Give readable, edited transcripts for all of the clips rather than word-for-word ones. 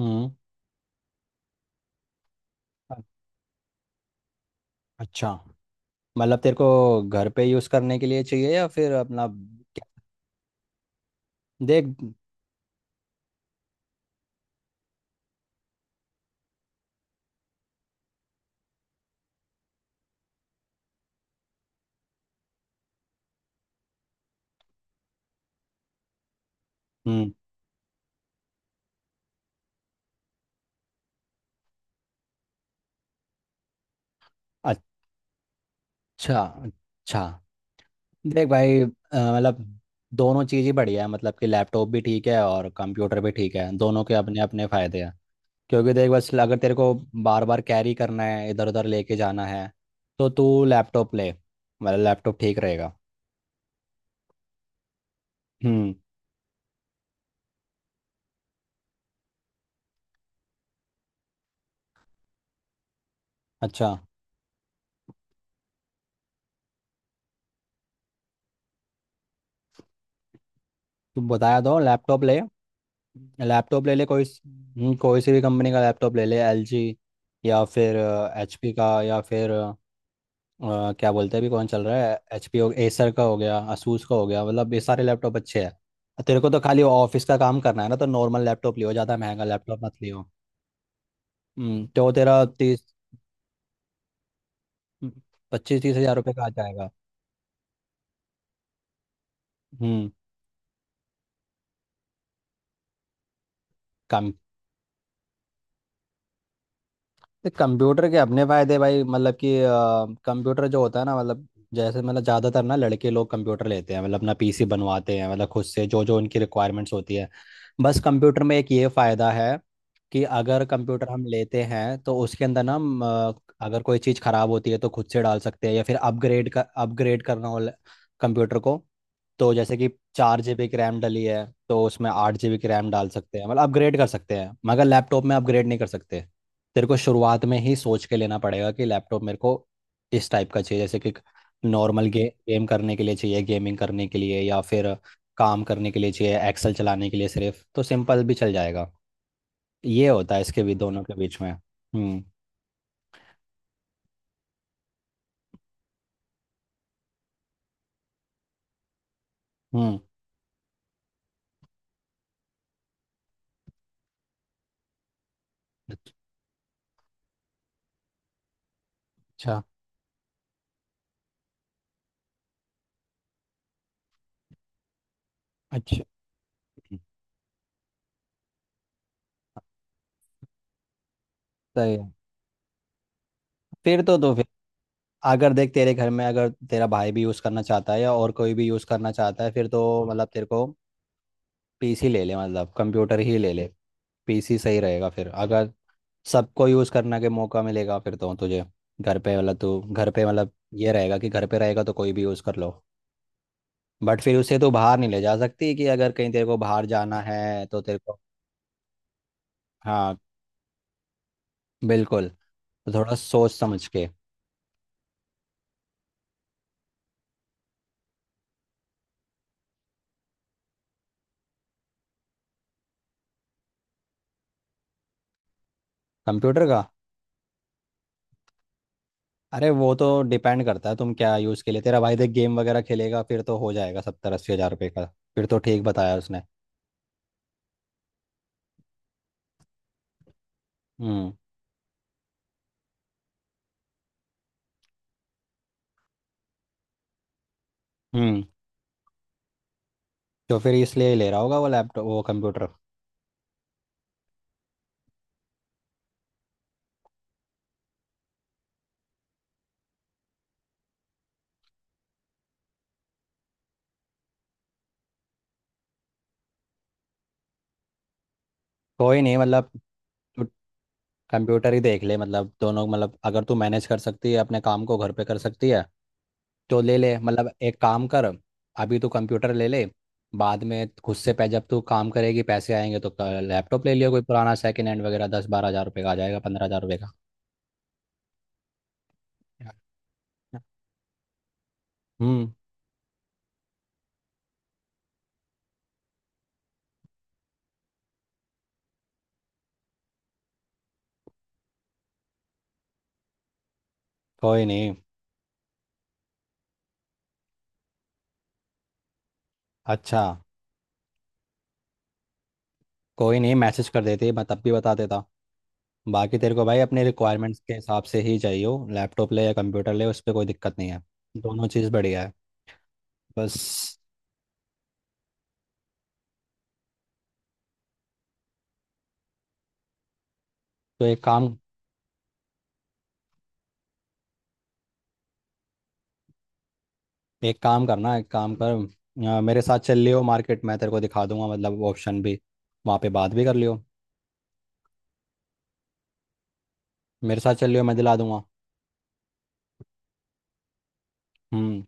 हम्म। अ- अच्छा। मतलब तेरे को घर पे यूज़ करने के लिए चाहिए या फिर अपना क्या- देख। हम्म। अच्छा अच्छा। देख भाई मतलब दोनों चीज़ ही बढ़िया है, मतलब कि लैपटॉप भी ठीक है और कंप्यूटर भी ठीक है, दोनों के अपने अपने फ़ायदे हैं। क्योंकि देख, बस अगर तेरे को बार बार कैरी करना है, इधर उधर लेके जाना है, तो तू लैपटॉप ले। मतलब लैपटॉप ठीक रहेगा। हम्म। अच्छा, तू बताया तो लैपटॉप ले। लैपटॉप ले ले कोई कोई सी भी कंपनी का लैपटॉप ले ले, एलजी या फिर एचपी का या फिर क्या बोलते हैं अभी कौन चल रहा है, एचपी हो, एसर का हो गया, asus का हो गया। मतलब ये सारे लैपटॉप अच्छे हैं। तेरे को तो खाली ऑफिस का काम करना है ना, तो नॉर्मल लैपटॉप लियो, ज़्यादा महंगा लैपटॉप मत लियो। हम्म, तो तेरा 25 30 हजार रुपये का आ जाएगा। हम्म। काम, तो कंप्यूटर के अपने फायदे भाई, मतलब कि कंप्यूटर जो होता है ना, मतलब जैसे, मतलब ज़्यादातर ना लड़के लोग कंप्यूटर लेते हैं, मतलब अपना पीसी बनवाते हैं, मतलब खुद से जो जो उनकी रिक्वायरमेंट्स होती है। बस कंप्यूटर में एक ये फ़ायदा है कि अगर कंप्यूटर हम लेते हैं तो उसके अंदर ना अगर कोई चीज़ ख़राब होती है तो खुद से डाल सकते हैं, या फिर अपग्रेड कर अपग्रेड करना हो कंप्यूटर को, तो जैसे कि 4 जीबी की रैम डली है तो उसमें 8 जीबी की रैम डाल सकते हैं, मतलब अपग्रेड कर सकते हैं, मगर लैपटॉप में अपग्रेड नहीं कर सकते। तेरे को शुरुआत में ही सोच के लेना पड़ेगा कि लैपटॉप मेरे को इस टाइप का चाहिए, जैसे कि नॉर्मल गेम करने के लिए चाहिए, गेमिंग करने के लिए, या फिर काम करने के लिए चाहिए, एक्सेल चलाने के लिए सिर्फ, तो सिंपल भी चल जाएगा। ये होता है इसके भी दोनों के बीच में। हम्म। हम्म। अच्छा। अच्छा। सही है। फिर तो अगर देख, तेरे घर में अगर तेरा भाई भी यूज़ करना चाहता है या और कोई भी यूज़ करना चाहता है, फिर तो मतलब तेरे को पीसी ले ले, मतलब कंप्यूटर ही ले ले। पीसी सही रहेगा फिर, अगर सबको यूज़ करने के मौका मिलेगा, फिर तो तुझे घर पे, मतलब तू घर पे, मतलब ये रहेगा कि घर पे रहेगा तो कोई भी यूज़ कर लो, बट फिर उसे तो बाहर नहीं ले जा सकती, कि अगर कहीं तेरे को बाहर जाना है तो तेरे को। हाँ, बिल्कुल। तो थोड़ा सोच समझ के। कंप्यूटर का? अरे वो तो डिपेंड करता है तुम क्या यूज़ के लिए। तेरा भाई देख गेम वगैरह खेलेगा, फिर तो हो जाएगा 70 80 हज़ार रुपये का। फिर तो ठीक बताया उसने। हम्म। हम्म, तो फिर इसलिए ही ले रहा होगा वो लैपटॉप, वो कंप्यूटर। कोई नहीं, मतलब तू कंप्यूटर ही देख ले, मतलब दोनों, मतलब अगर तू मैनेज कर सकती है, अपने काम को घर पे कर सकती है, तो ले ले, मतलब एक काम कर, अभी तू कंप्यूटर ले ले। बाद में खुद से पै जब तू काम करेगी, पैसे आएंगे तो लैपटॉप ले लियो, कोई पुराना सेकंड हैंड वगैरह, 10 12 हज़ार रुपये का आ जाएगा, 15 हज़ार रुपये का। हम्म। कोई नहीं। अच्छा। कोई नहीं, मैसेज कर देती, मैं तब भी बता देता। बाकी तेरे को भाई, अपने रिक्वायरमेंट्स के हिसाब से ही चाहिए हो लैपटॉप ले या कंप्यूटर ले, उस पर कोई दिक्कत नहीं है। दोनों चीज़ बढ़िया है। बस, तो एक काम एक काम करना, एक काम कर मेरे साथ चल लियो मार्केट, मैं तेरे को दिखा दूंगा मतलब ऑप्शन भी, वहाँ पे बात भी कर लियो। मेरे साथ चल लियो, मैं दिला दूंगा। हम्म।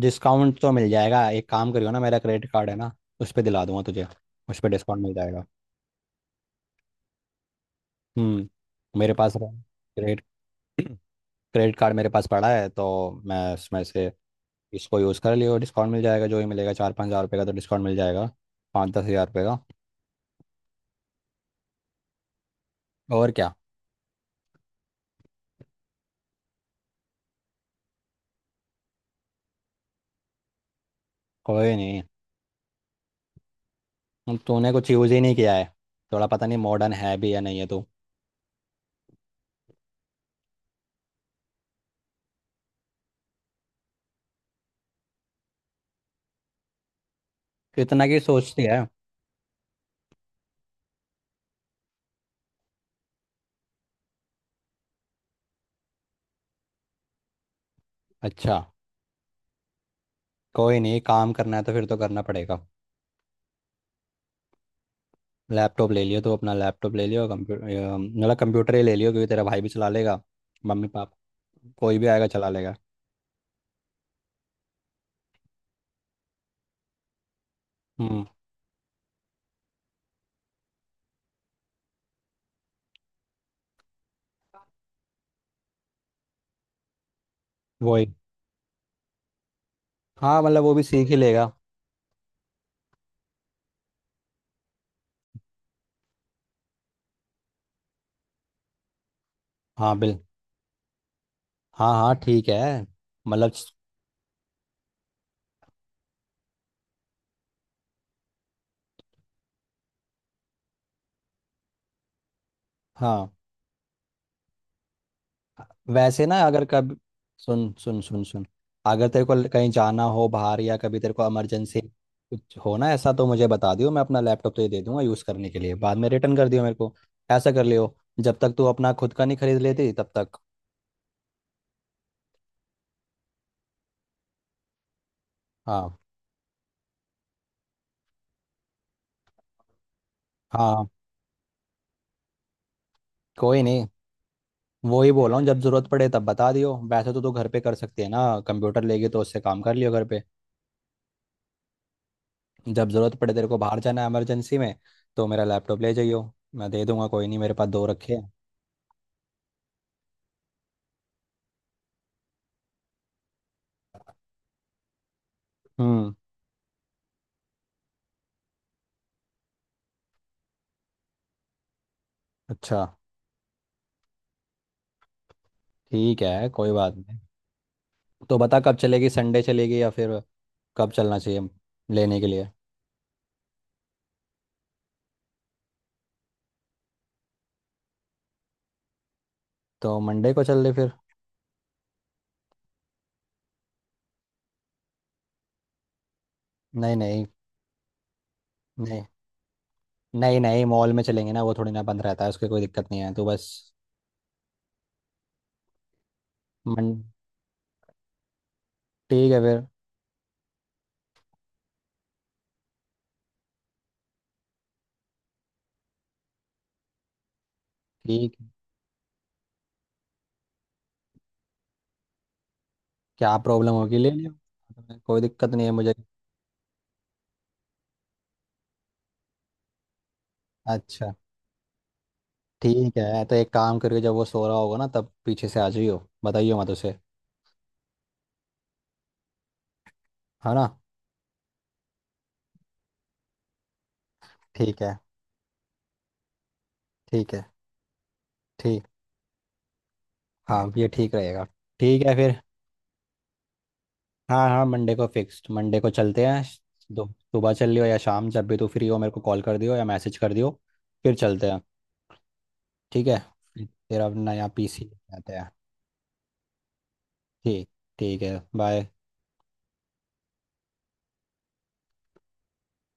डिस्काउंट तो मिल जाएगा, एक काम करियो ना, मेरा क्रेडिट कार्ड है ना, उस पर दिला दूंगा तुझे, उस पर डिस्काउंट मिल जाएगा। हम्म। मेरे पास क्रेडिट क्रेडिट कार्ड मेरे पास पड़ा है, तो मैं उसमें से इसको यूज़ कर लियो, डिस्काउंट मिल जाएगा, जो ही मिलेगा, 4 5 हज़ार रुपये का तो डिस्काउंट मिल जाएगा, 5 10 हज़ार रुपये का। और क्या। कोई नहीं। अब तूने कुछ यूज़ ही नहीं किया है, थोड़ा पता नहीं मॉडर्न है भी या नहीं है तू। इतना की सोचती है। अच्छा। कोई नहीं, काम करना है तो फिर तो करना पड़ेगा। लैपटॉप ले लियो तो अपना लैपटॉप ले लियो, कंप्यूटर मतलब कंप्यूटर ही ले लियो, क्योंकि तेरा भाई भी चला लेगा, मम्मी पापा कोई भी आएगा चला लेगा। हम्म। वही। हाँ, मतलब वो भी सीख ही लेगा। हाँ बिल्कुल। हाँ हाँ ठीक है। मतलब हाँ। वैसे ना, अगर कभी, सुन सुन सुन सुन, अगर तेरे को कहीं जाना हो बाहर, या कभी तेरे को इमरजेंसी कुछ हो ना ऐसा, तो मुझे बता दियो, मैं अपना लैपटॉप तुझे दे दूंगा यूज़ करने के लिए, बाद में रिटर्न कर दियो मेरे को। ऐसा कर लियो, जब तक तू अपना खुद का नहीं खरीद लेती तब तक। हाँ हाँ। कोई नहीं, वो ही बोल रहा हूँ, जब ज़रूरत पड़े तब बता दियो। वैसे तो तू घर पे कर सकती है ना, कंप्यूटर लेगी तो उससे काम कर लियो घर पे। जब ज़रूरत पड़े तेरे को बाहर जाना है इमरजेंसी में, तो मेरा लैपटॉप ले जाइयो, मैं दे दूंगा, कोई नहीं, मेरे पास दो रखे हैं। हम्म। अच्छा, ठीक है, कोई बात नहीं। तो बता कब चलेगी, संडे चलेगी या फिर कब चलना चाहिए लेने के लिए। तो मंडे को चल ले फिर। नहीं नहीं नहीं नहीं नहीं मॉल में चलेंगे ना, वो थोड़ी ना बंद रहता है, उसकी कोई दिक्कत नहीं है, तो बस। मन ठीक है फिर। ठीक है। क्या प्रॉब्लम होगी, ले लियो, कोई दिक्कत नहीं है मुझे। अच्छा ठीक है, तो एक काम करके जब वो सो रहा होगा ना तब पीछे से आ जाइयो, बताइयो मत उसे। है ना? ठीक है ठीक है। ठीक। हाँ ये ठीक रहेगा। ठीक है फिर। हाँ हाँ मंडे को फिक्स, मंडे को चलते हैं। दो सुबह चल लियो या शाम, जब भी तू फ्री हो मेरे को कॉल कर दियो या मैसेज कर दियो, फिर चलते हैं। ठीक है। फिर अपना यहाँ पीसी लेके आते हैं। ठीक। ठीक है, बाय।